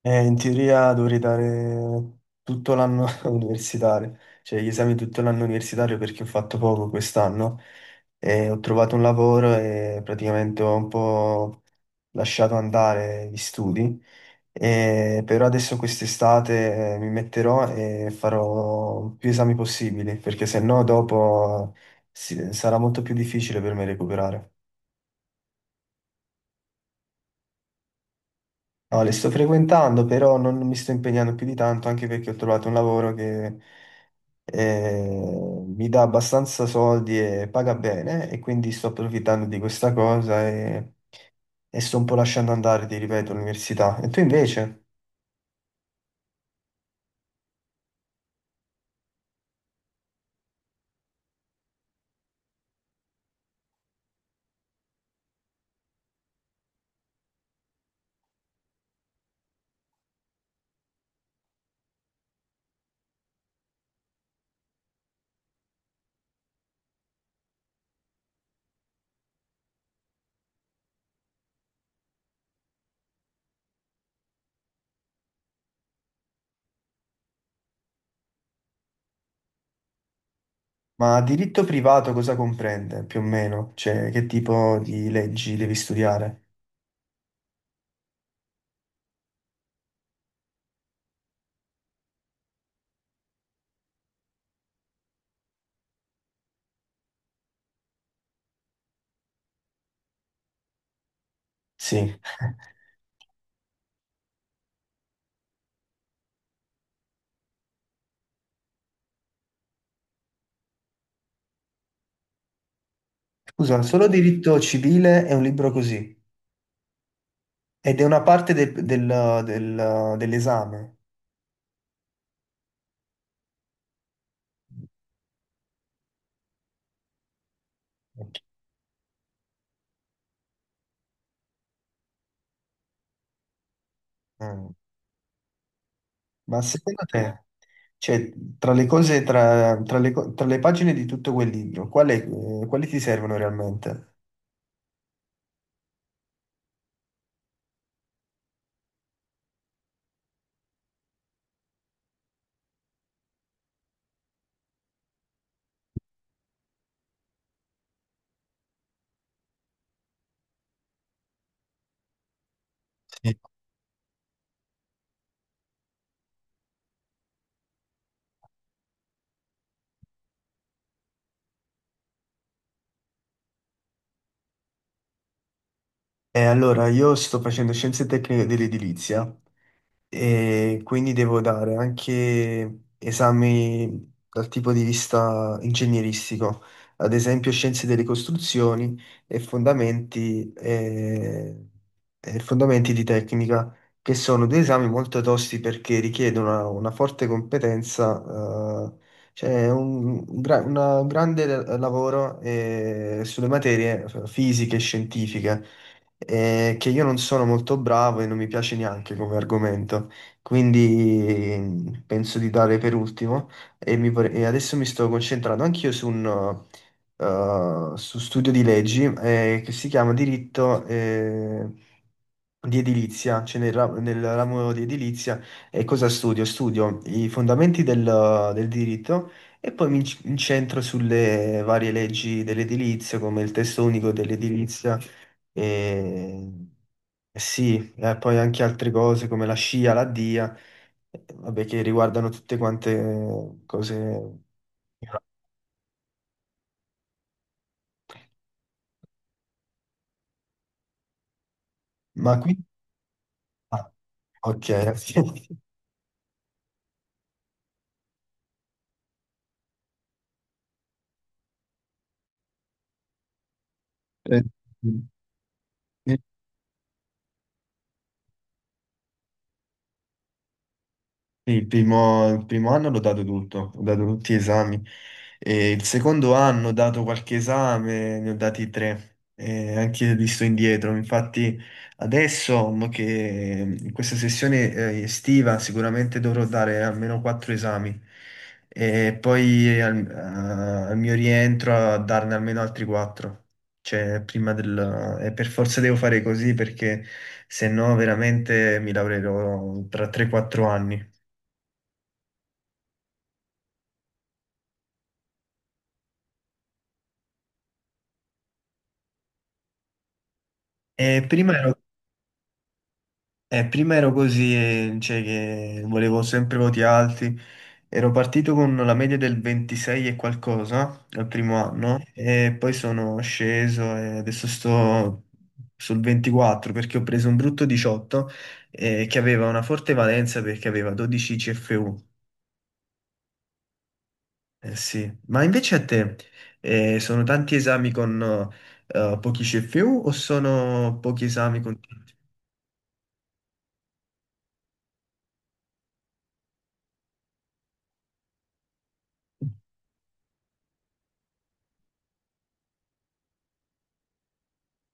In teoria dovrei dare tutto l'anno universitario, cioè gli esami tutto l'anno universitario perché ho fatto poco quest'anno e ho trovato un lavoro e praticamente ho un po' lasciato andare gli studi, e però adesso quest'estate mi metterò e farò più esami possibili perché se no dopo sarà molto più difficile per me recuperare. No, le sto frequentando, però non mi sto impegnando più di tanto, anche perché ho trovato un lavoro che mi dà abbastanza soldi e paga bene, e quindi sto approfittando di questa cosa e sto un po' lasciando andare, ti ripeto, l'università. E tu invece? Ma diritto privato cosa comprende più o meno? Cioè, che tipo di leggi devi studiare? Sì. Scusa, solo diritto civile è un libro così, ed è una parte dell'esame. Mm. Ma secondo te, cioè, tra le cose, tra le pagine di tutto quel libro, quali ti servono realmente? Sì. Allora, io sto facendo scienze tecniche dell'edilizia e quindi devo dare anche esami dal tipo di vista ingegneristico, ad esempio scienze delle costruzioni e fondamenti, eh, e fondamenti di tecnica, che sono due esami molto tosti perché richiedono una forte competenza, cioè un grande lavoro, sulle materie fisiche e scientifiche che io non sono molto bravo e non mi piace neanche come argomento, quindi penso di dare per ultimo e adesso mi sto concentrando anch'io su un su studio di leggi che si chiama Diritto, di edilizia, cioè nel ramo di edilizia, e cosa studio? Studio i fondamenti del diritto e poi incentro sulle varie leggi dell'edilizia, come il testo unico dell'edilizia, e e sì, e poi anche altre cose come la SCIA, la DIA, vabbè, che riguardano tutte quante cose. Ma qui. Ah, ok. Eh, sì, il primo anno l'ho dato tutto, ho dato tutti gli esami. E il secondo anno ho dato qualche esame, ne ho dati tre, e anche lì sto indietro. Infatti adesso mo che in questa sessione estiva sicuramente dovrò dare almeno quattro esami e poi al mio rientro a darne almeno altri quattro. Cioè, e per forza devo fare così perché se no veramente mi lavorerò tra 3-4 anni. E prima ero, prima ero così, cioè che volevo sempre voti alti. Ero partito con la media del 26 e qualcosa al primo anno e poi sono sceso e adesso sto sul 24 perché ho preso un brutto 18 che aveva una forte valenza perché aveva 12 CFU. Eh sì, ma invece a te sono tanti esami con pochi CFU o sono pochi esami con tanti?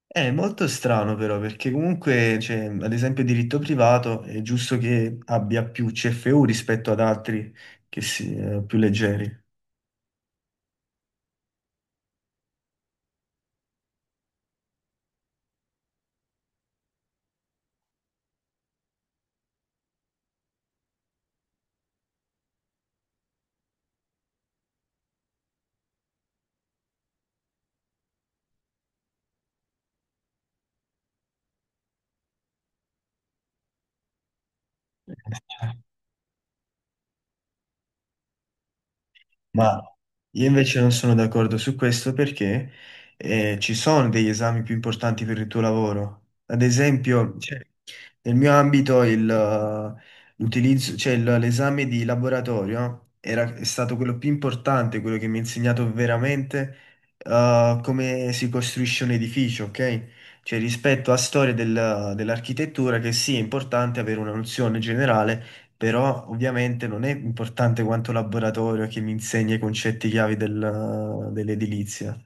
È molto strano però perché comunque, cioè, ad esempio, diritto privato è giusto che abbia più CFU rispetto ad altri che più leggeri. Ma io invece non sono d'accordo su questo perché ci sono degli esami più importanti per il tuo lavoro. Ad esempio, cioè, nel mio ambito il, l'utilizzo, cioè, il- l'esame di laboratorio è stato quello più importante, quello che mi ha insegnato veramente come si costruisce un edificio, ok? Cioè rispetto a storia dell'architettura che sì, è importante avere una nozione generale però ovviamente non è importante quanto laboratorio che mi insegni i concetti chiavi dell'edilizia.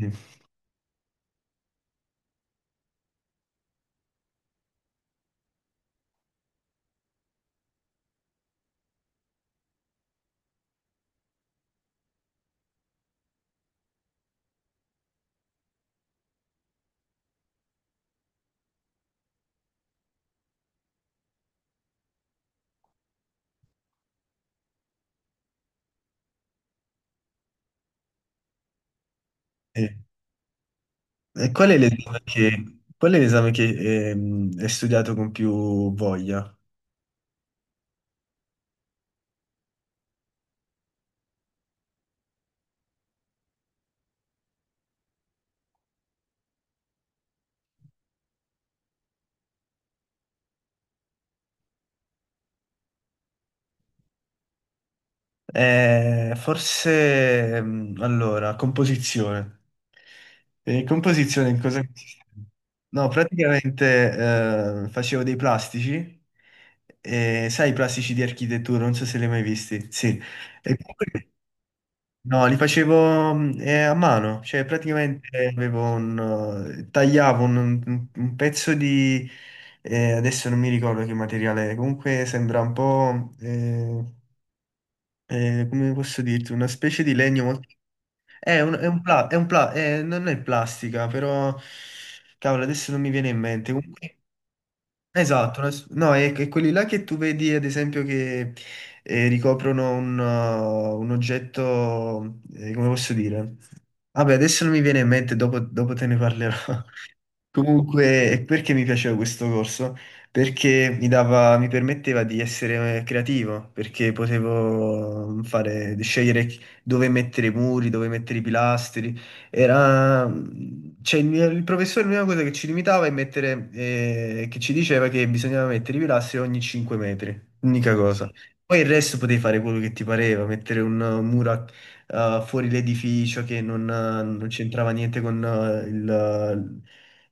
Mm. E, e qual è l'esame che hai studiato con più voglia? Forse, allora, composizione. E composizione in cosa consiste? No, praticamente facevo dei plastici, e sai i plastici di architettura, non so se li hai mai visti. Sì. E comunque No, li facevo a mano, cioè praticamente avevo tagliavo un pezzo adesso non mi ricordo che materiale, comunque sembra un po', come posso dirti, una specie di legno molto. Non è plastica, però, cavolo, adesso non mi viene in mente. Comunque, esatto, no, è quelli là che tu vedi, ad esempio, che ricoprono un oggetto, come posso dire? Vabbè, adesso non mi viene in mente, dopo te ne parlerò. Comunque, e perché mi piaceva questo corso? Perché mi permetteva di essere creativo, perché potevo di scegliere dove mettere i muri, dove mettere i pilastri. Cioè, il professore l'unica cosa che ci limitava è che ci diceva che bisognava mettere i pilastri ogni 5 metri, unica cosa. Poi il resto potevi fare quello che ti pareva, mettere un muro a fuori l'edificio che non c'entrava niente con eh, il,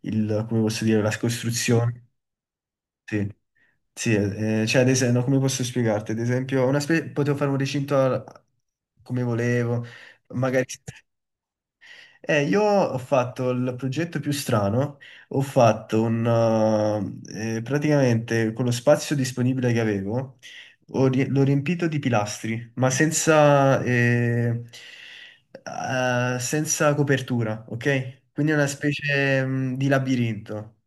il- come posso dire, la costruzione. Sì, sì, cioè, ad esempio, come posso spiegarti? Ad esempio, potevo fare un recinto come volevo, magari. Sì. Io ho fatto il progetto più strano, ho fatto praticamente con lo spazio disponibile che avevo, l'ho riempito di pilastri, ma senza copertura, ok? Quindi è una specie, di labirinto.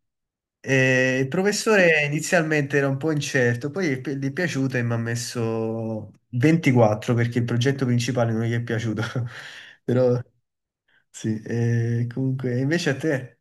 E il professore inizialmente era un po' incerto, poi gli è piaciuto e mi ha messo 24 perché il progetto principale non gli è piaciuto. Però sì, e comunque, invece a te?